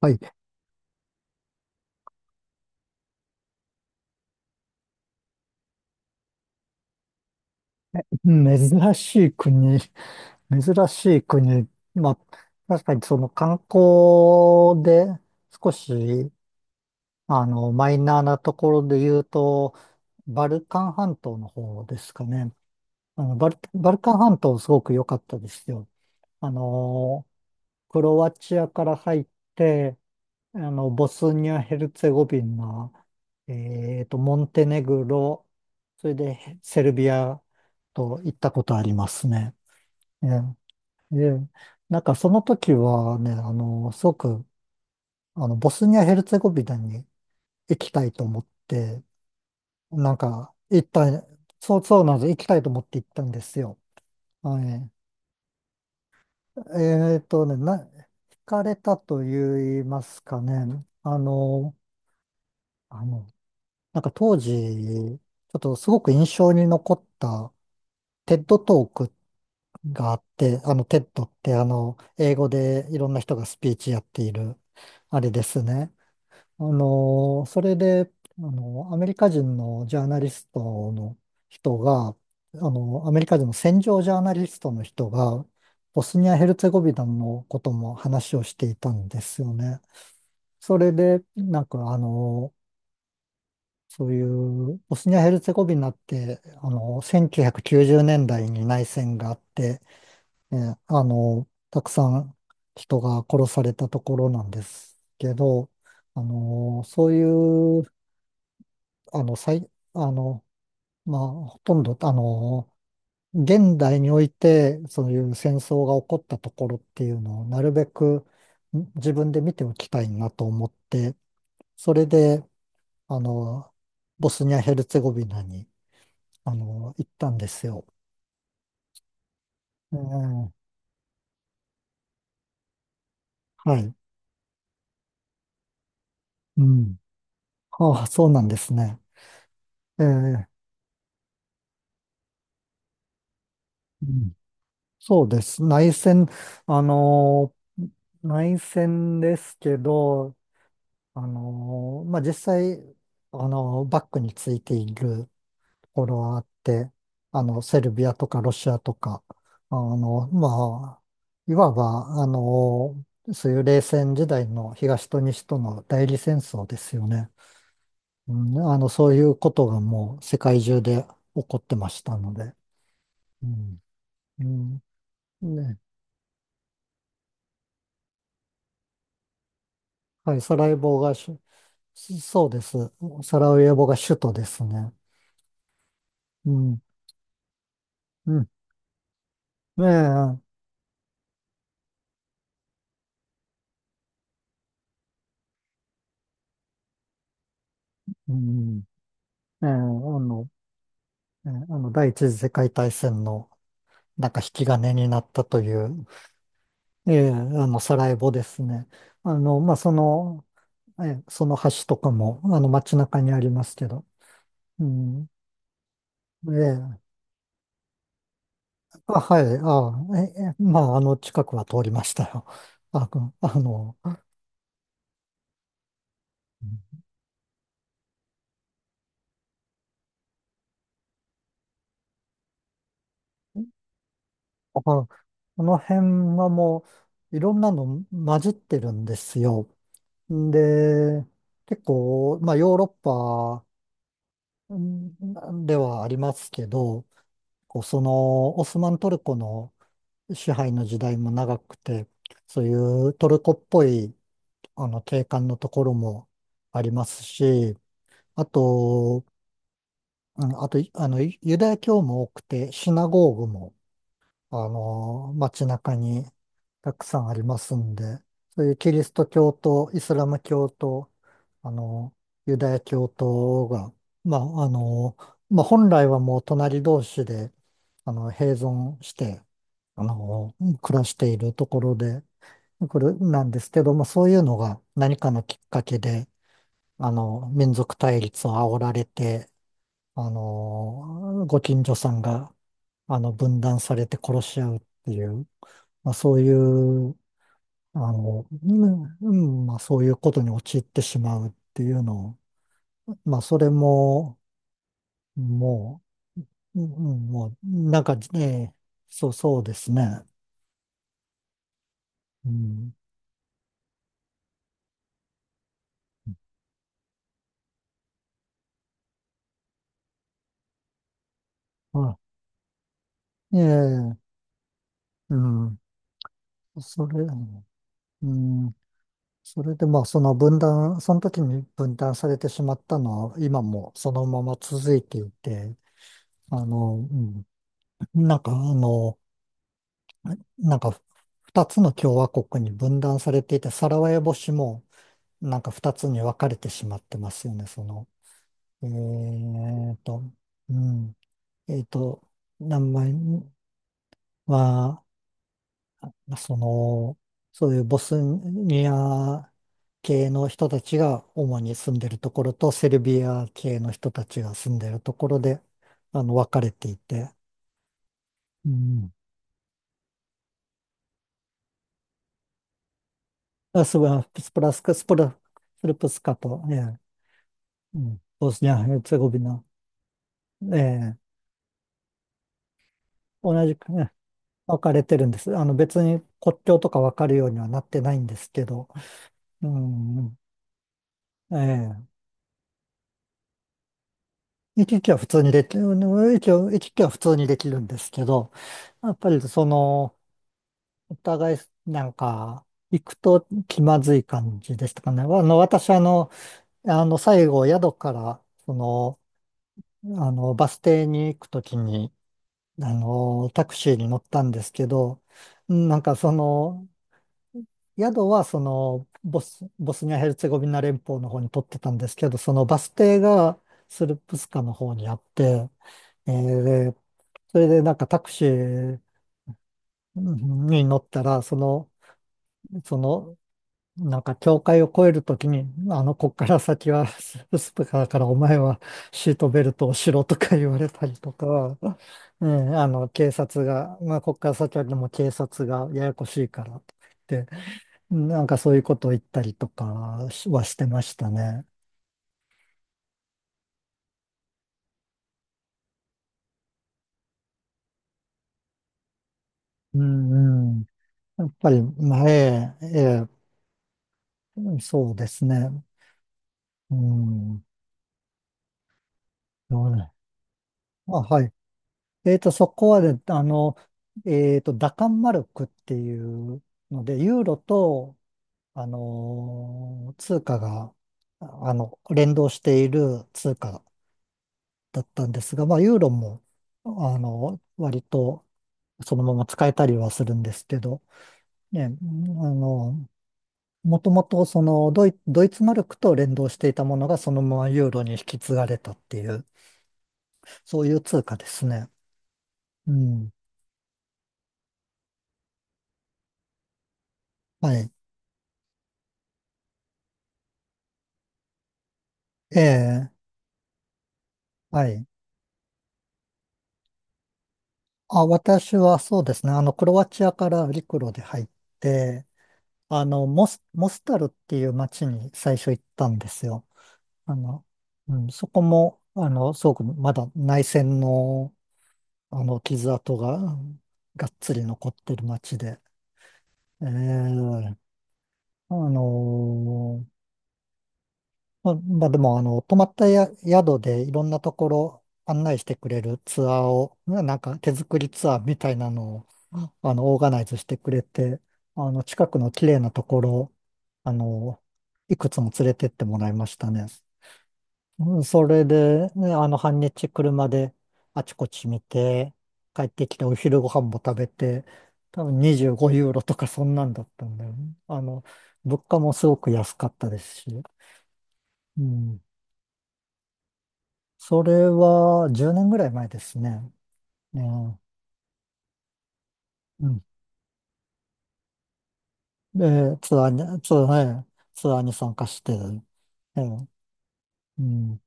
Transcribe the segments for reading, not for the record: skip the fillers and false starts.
はい。珍しい国、珍しい国。まあ、確かにその観光で少し、あの、マイナーなところで言うと、バルカン半島の方ですかね。バルカン半島すごく良かったですよ。あの、クロアチアから入って、あの、ボスニア・ヘルツェゴビナ、モンテネグロ、それでセルビアと行ったことありますね。ええ、ええ、なんかその時はね、あの、すごく、あの、ボスニア・ヘルツェゴビナに行きたいと思って、なんか、行った、そうそうなんです、行きたいと思って行ったんですよ。はい。惹かれたと言いますかね、あの、なんか当時、ちょっとすごく印象に残ったテッドトークがあって、あの、テッドってあの、英語でいろんな人がスピーチやっている、あれですね。それで、あのーアメリカ人のジャーナリストの人が、あのーアメリカ人の戦場ジャーナリストの人が、ボスニア・ヘルツェゴビナのことも話をしていたんですよね。それで、そういう、ボスニア・ヘルツェゴビナって、あのー1990年代に内戦があって、たくさん人が殺されたところなんですけど、あのーそういうあの、最、あの、まあ、ほとんど、あの、現代において、そういう戦争が起こったところっていうのを、なるべく自分で見ておきたいなと思って、それで、あの、ボスニア・ヘルツェゴビナに、あの、行ったんですよ。ええ、はい。うん。ああ、そうなんですね。ええ、うん、そうです。内戦、あの、内戦ですけど、まあ、実際、あのーバックについているところはあって、あの、セルビアとかロシアとか、あの、まあ、いわば、あのーそういう冷戦時代の東と西との代理戦争ですよね。うん、あの、そういうことがもう世界中で起こってましたので。うん。うん。ね、はい、サラエボがし、そうです。サラエボが首都ですね。うん。うん。ねえ。うん、ええ、あの、第一次世界大戦のなんか引き金になったという、ええ、あの、サラエボですね。あの、まあ、その、ええ、その橋とかも、あの、街中にありますけど、うん、ええ、あ、はい、あ、ええ、まあ、あの、近くは通りましたよ。あ、く、あの、うん、あ、この辺はもう、いろんなの混じってるんですよ。で、結構、まあ、ヨーロッうんではありますけど、こうそのオスマントルコの支配の時代も長くて、そういうトルコっぽいあの景観のところもありますし、あと、うん、あと、あの、ユダヤ教も多くて、シナゴーグもあの、街中にたくさんありますんで、そういうキリスト教とイスラム教と、あの、ユダヤ教徒が、まあ、あの、まあ、本来はもう隣同士で、あの、併存して、あの、暮らしているところで、これなんですけど、まあ、そういうのが何かのきっかけで、あの、民族対立を煽られて、あの、ご近所さんが、あの、分断されて殺し合うっていう、まあ、そういう、あの、うん、うん、まあ、そういうことに陥ってしまうっていうのを、まあ、それも、もう、うん、うん、もう、なんか、ね、そうですね。うん。まあ、ええ、うん。それ、うん。それで、まあ、その分断、その時に分断されてしまったのは、今もそのまま続いていて、あの、うん、なんか、あの、なんか二つの共和国に分断されていて、サラワエボ市もなんか二つに分かれてしまってますよね、その。えーと、うん。えーと、名前は、その、そういうボスニア系の人たちが主に住んでるところと、セルビア系の人たちが住んでるところで、あの、分かれていて、うん。あ、すごい、スルプスカと、ええ、うん、ボスニア・ヘルツェゴビナ、ええ、同じくね、分かれてるんです。あの別に国境とか分かるようにはなってないんですけど、うん、ええ、行き来は普通にできるんですけど、やっぱりその、お互いなんか、行くと気まずい感じでしたかね。あの、私あの、あの、最後宿から、その、あの、バス停に行くときに、あの、タクシーに乗ったんですけど、うん、なんかその、宿はその、ボス、ボスニア・ヘルツェゴビナ連邦の方に取ってたんですけど、そのバス停がスルプスカの方にあって、えー、それでなんかタクシーに乗ったら、その、なんか境界を越えるときに、あの、こっから先はススプカーからお前はシートベルトをしろとか言われたりとか、うん、あの、警察が、まあ、こっから先はでも警察がややこしいからとか言って、なんかそういうことを言ったりとかはしてましたね。うん、うん。やっぱり前、ええ、そうですね。うん。そうね、まあ、はい。えっと、そこはね、あの、えっと、ダカンマルクっていうので、ユーロと、あのー通貨が、あの、連動している通貨だったんですが、まあ、ユーロも、あの、割とそのまま使えたりはするんですけど、ね、あの、もともとそのドイ、ドイツマルクと連動していたものがそのままユーロに引き継がれたっていう、そういう通貨ですね。うん。はい。ええ、はい。あ、私はそうですね。あの、クロアチアから陸路で入って、モスタルっていう町に最初行ったんですよ。あの、うん、そこも、あの、すごくまだ内戦の、あの、傷跡が、うん、がっつり残ってる町で、ええ、あの、まあ、まあでも、あの、泊まったや宿でいろんなところ案内してくれるツアーを、なんか手作りツアーみたいなのを、あの、オーガナイズしてくれて、あの、近くの綺麗なところ、あの、いくつも連れてってもらいましたね。うん、それで、ね、あの、半日車であちこち見て、帰ってきてお昼ご飯も食べて、多分25ユーロとかそんなんだったんだよね。あの、物価もすごく安かったですし。うん、それは10年ぐらい前ですね。ね、うん。で、ツアーに参加して、ええ、うん。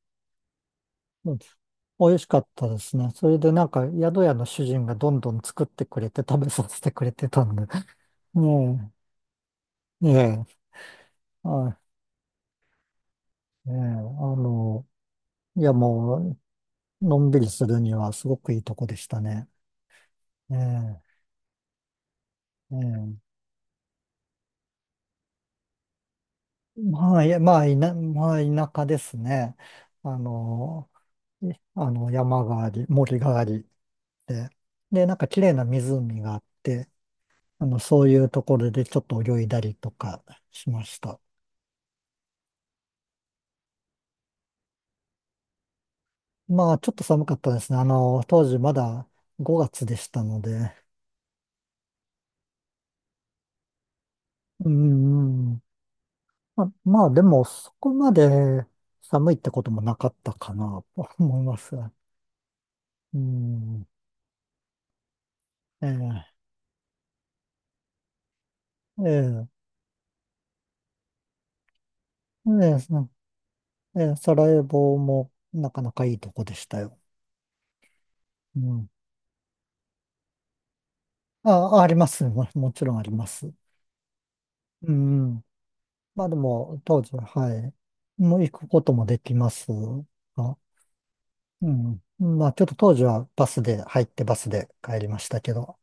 そうです、美味しかったですね。それでなんか宿屋の主人がどんどん作ってくれて食べさせてくれてたんで。ねえ、ねえ、はい、ねえ、あの、いやもう、のんびりするにはすごくいいとこでしたね。ええ、ええ、まあ、まあ、田舎ですね。あの、い、あの、山があり、森がありで、で、なんか綺麗な湖があって、あの、そういうところでちょっと泳いだりとかしました。まあ、ちょっと寒かったですね。あの、当時まだ5月でしたので、うん、うん、まあ、でも、そこまで寒いってこともなかったかなと思います。うん、ええ、ええ、ええ、ええ、サラエボもなかなかいいとこでしたよ。うん、あ、あります。もちろんあります。うん。まあでも、当時は、はい。もう行くこともできますが。うん。まあちょっと当時はバスで入ってバスで帰りましたけど、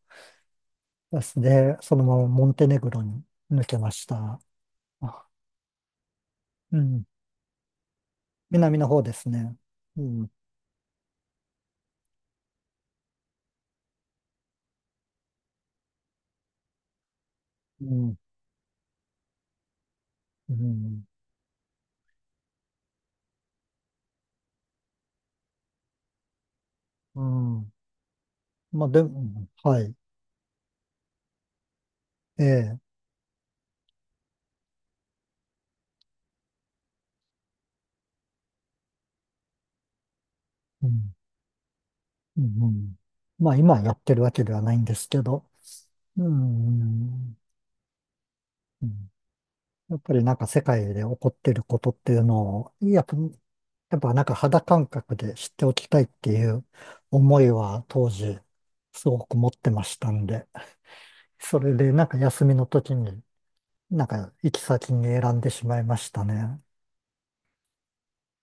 バスでそのままモンテネグロに抜けました。あ、うん。南の方ですね。うん。うん。うん。うん。まあでも、はい。ええ。うん。うん。うん、まあ今やってるわけではないんですけど。うん。うん、やっぱりなんか世界で起こってることっていうのを、やっぱなんか肌感覚で知っておきたいっていう思いは当時すごく持ってましたんで、それでなんか休みの時になんか行き先に選んでしまいましたね。